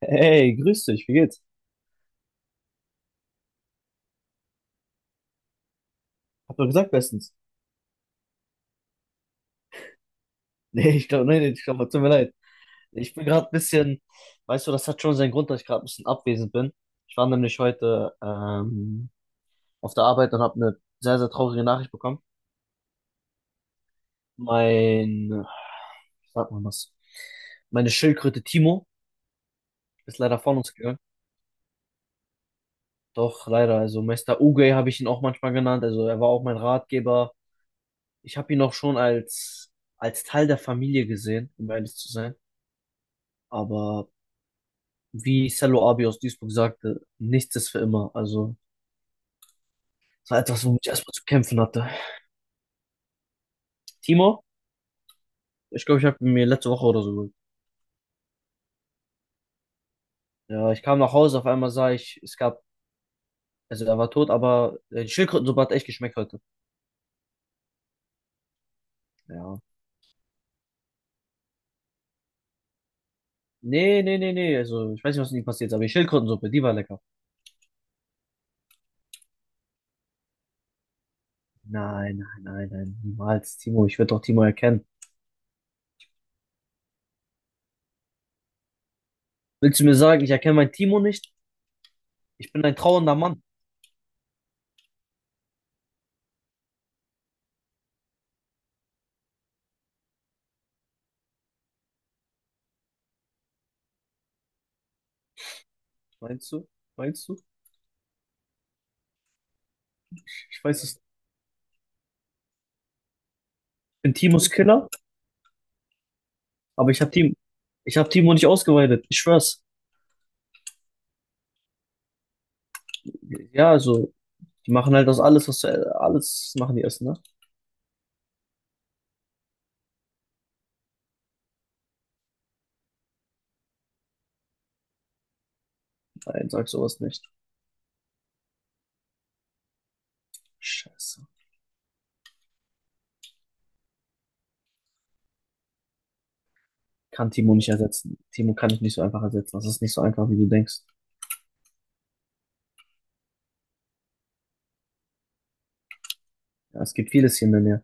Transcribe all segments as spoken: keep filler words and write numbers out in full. Hey, grüß dich, wie geht's? Hab doch gesagt bestens. Nee, ich glaube, nee, nee, ich glaube, tut mir leid. Ich bin gerade ein bisschen, weißt du, das hat schon seinen Grund, dass ich gerade ein bisschen abwesend bin. Ich war nämlich heute ähm, auf der Arbeit und habe eine sehr, sehr traurige Nachricht bekommen. Mein, wie sagt man das? Meine Schildkröte Timo ist leider von uns gegangen. Doch, leider. Also Meister Uge habe ich ihn auch manchmal genannt. Also er war auch mein Ratgeber. Ich habe ihn auch schon als, als Teil der Familie gesehen, um ehrlich zu sein. Aber wie Cello Abi aus Duisburg sagte, nichts ist für immer. Also, es war etwas, womit ich erstmal zu kämpfen hatte. Timo, ich glaube, ich habe mir letzte Woche oder so geholt. Ja, ich kam nach Hause, auf einmal sah ich, es gab, also er war tot, aber äh, die Schildkrötensuppe hat echt geschmeckt heute. Ja. Nee, nee, nee, nee, also ich weiß nicht, was mit ihm passiert ist, aber die Schildkrötensuppe, die war lecker. Nein, nein, nein, nein, niemals, Timo, ich werde doch Timo erkennen. Willst du mir sagen, ich erkenne meinen Timo nicht? Ich bin ein trauernder Mann. Meinst du? Meinst du? Ich weiß es. Ich bin Timos Killer? Aber ich habe Timo, ich habe Timo nicht ausgeweidet. Ich schwör's. Ja, also, die machen halt aus alles, was du, alles machen die Essen, ne? Nein, sag sowas nicht. Scheiße. Kann Timo nicht ersetzen. Timo kann ich nicht so einfach ersetzen. Das ist nicht so einfach, wie du denkst. Ja, es gibt vieles hier in der Nähe.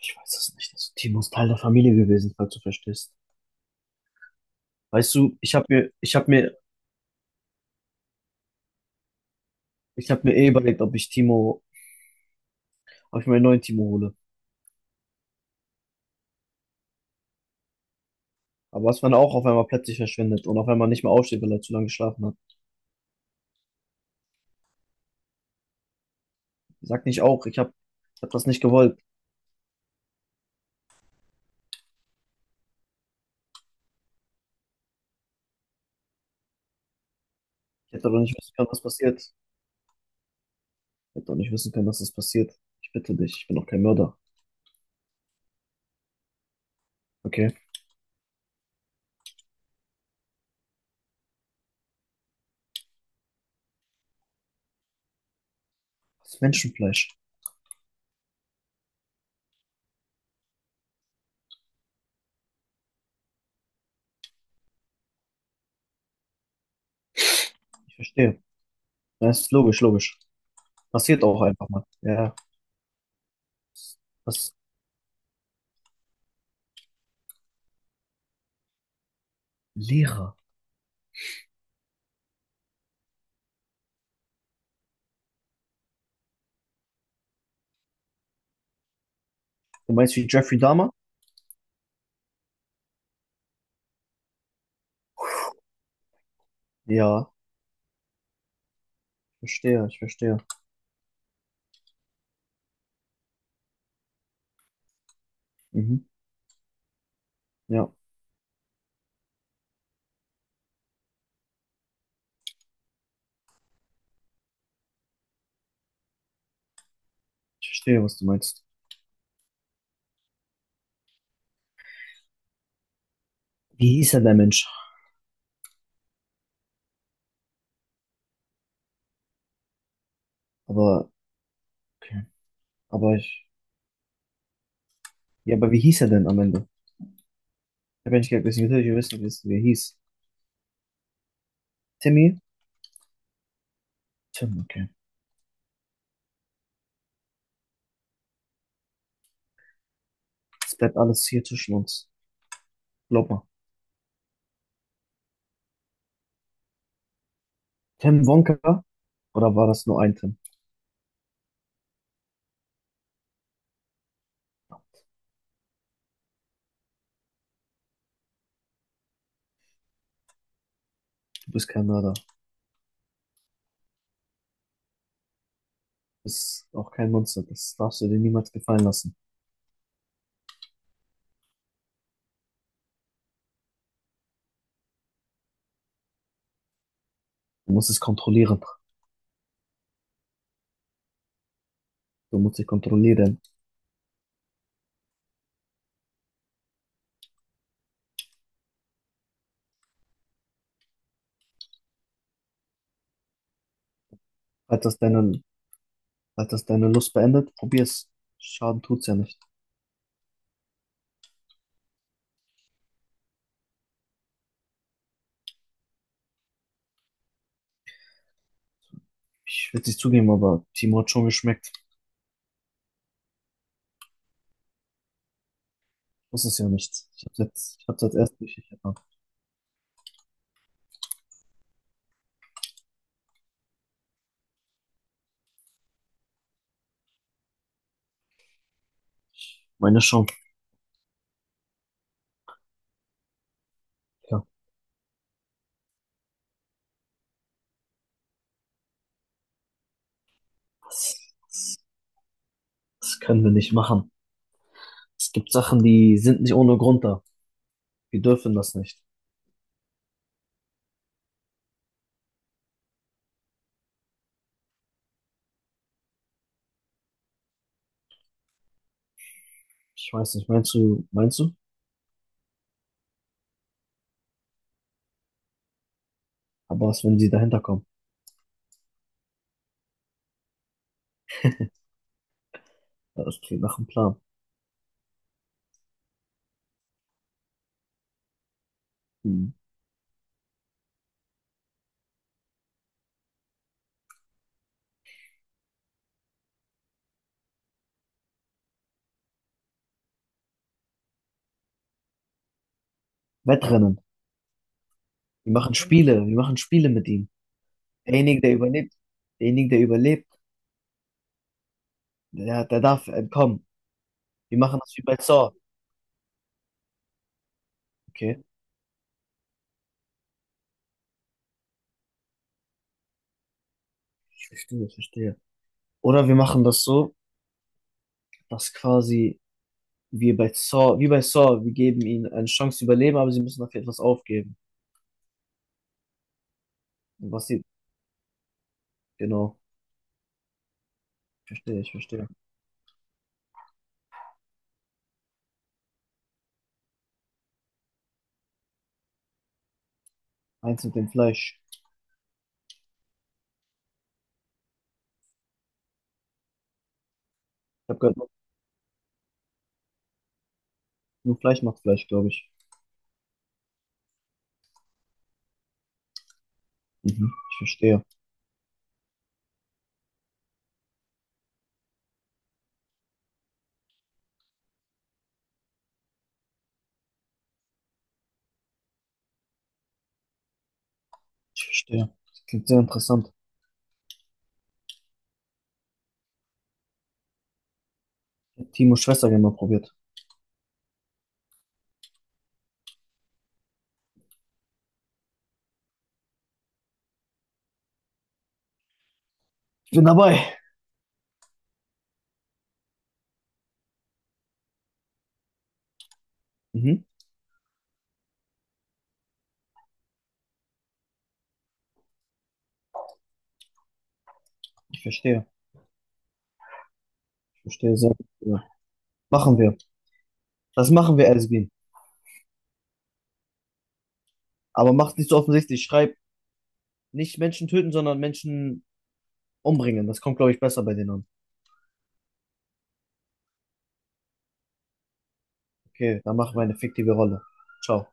Ich weiß es nicht. Also, Timo ist Teil der Familie gewesen, falls du verstehst. Weißt du, ich habe mir, ich habe mir, ich habe mir eh überlegt, ob ich Timo, ob ich mir einen neuen Timo hole. Aber was, wenn er auch auf einmal plötzlich verschwindet und auf einmal nicht mehr aufsteht, weil er zu lange geschlafen hat? Sag nicht auch, ich habe, Ich hab das nicht gewollt. Ich hätte doch nicht wissen können, was passiert. Ich hätte doch nicht wissen können, dass das passiert. Ich bitte dich, ich bin doch kein Mörder. Okay? Das ist Menschenfleisch. Ich verstehe. Das ist logisch, logisch. Passiert auch einfach mal. Ja. Was? Lehrer. Du meinst wie Jeffrey Dahmer? Ja. Ich verstehe, ich verstehe. Mhm. Ja. Ich verstehe, was du meinst. Wie hieß er, der Mensch? Aber, okay. Aber ich, ja, aber wie hieß er denn am Ende? Ich habe ja nicht gegessen, natürlich, wir wissen, wie es- wie er hieß. Timmy? Tim, okay. Es bleibt alles hier zwischen uns. Glaub mal. Tim Wonka? Oder war das nur ein Tim? Du bist kein Mörder. Du bist auch kein Monster. Das darfst du dir niemals gefallen lassen. Du musst es kontrollieren. Du musst dich kontrollieren. Hat das deine, hat das deine Lust beendet? Probier's. Schaden tut's ja nicht. Ich will es nicht zugeben, aber Timo hat schon geschmeckt. Muss es ja nicht. Ich hab's jetzt, ich hab's jetzt erst richtig erfahren. Meine schon. Ja. Das, das, das können wir nicht machen. Es gibt Sachen, die sind nicht ohne Grund da. Wir dürfen das nicht. Ich weiß nicht, meinst du, meinst du? Aber was, wenn sie dahinter kommen? Ja, das klingt nach einem Plan. Hm. Wettrennen. Wir machen Spiele. Wir machen Spiele mit ihm. Derjenige, der überlebt, derjenige, der überlebt, der, der darf entkommen. Wir machen das wie bei Saw. Okay, ich verstehe, ich verstehe. Oder wir machen das so, dass quasi wir bei Saw, wie bei Saw, wir geben ihnen eine Chance zu überleben, aber sie müssen dafür etwas aufgeben. Und was sie, genau, ich verstehe, ich verstehe. Eins mit dem Fleisch. Ich habe gehört, nur Fleisch macht Fleisch, glaube ich. Mhm, ich verstehe, ich verstehe. Das klingt sehr interessant. Ich hab Timos Schwester gerne mal probiert. Ich bin dabei. Mhm. Ich verstehe. Ich verstehe sehr gut. Ja. Machen wir. Das machen wir, Esbin. Aber macht nicht so offensichtlich. Schreib nicht Menschen töten, sondern Menschen umbringen. Das kommt, glaube ich, besser bei denen an. Okay, dann machen wir eine fiktive Rolle. Ciao.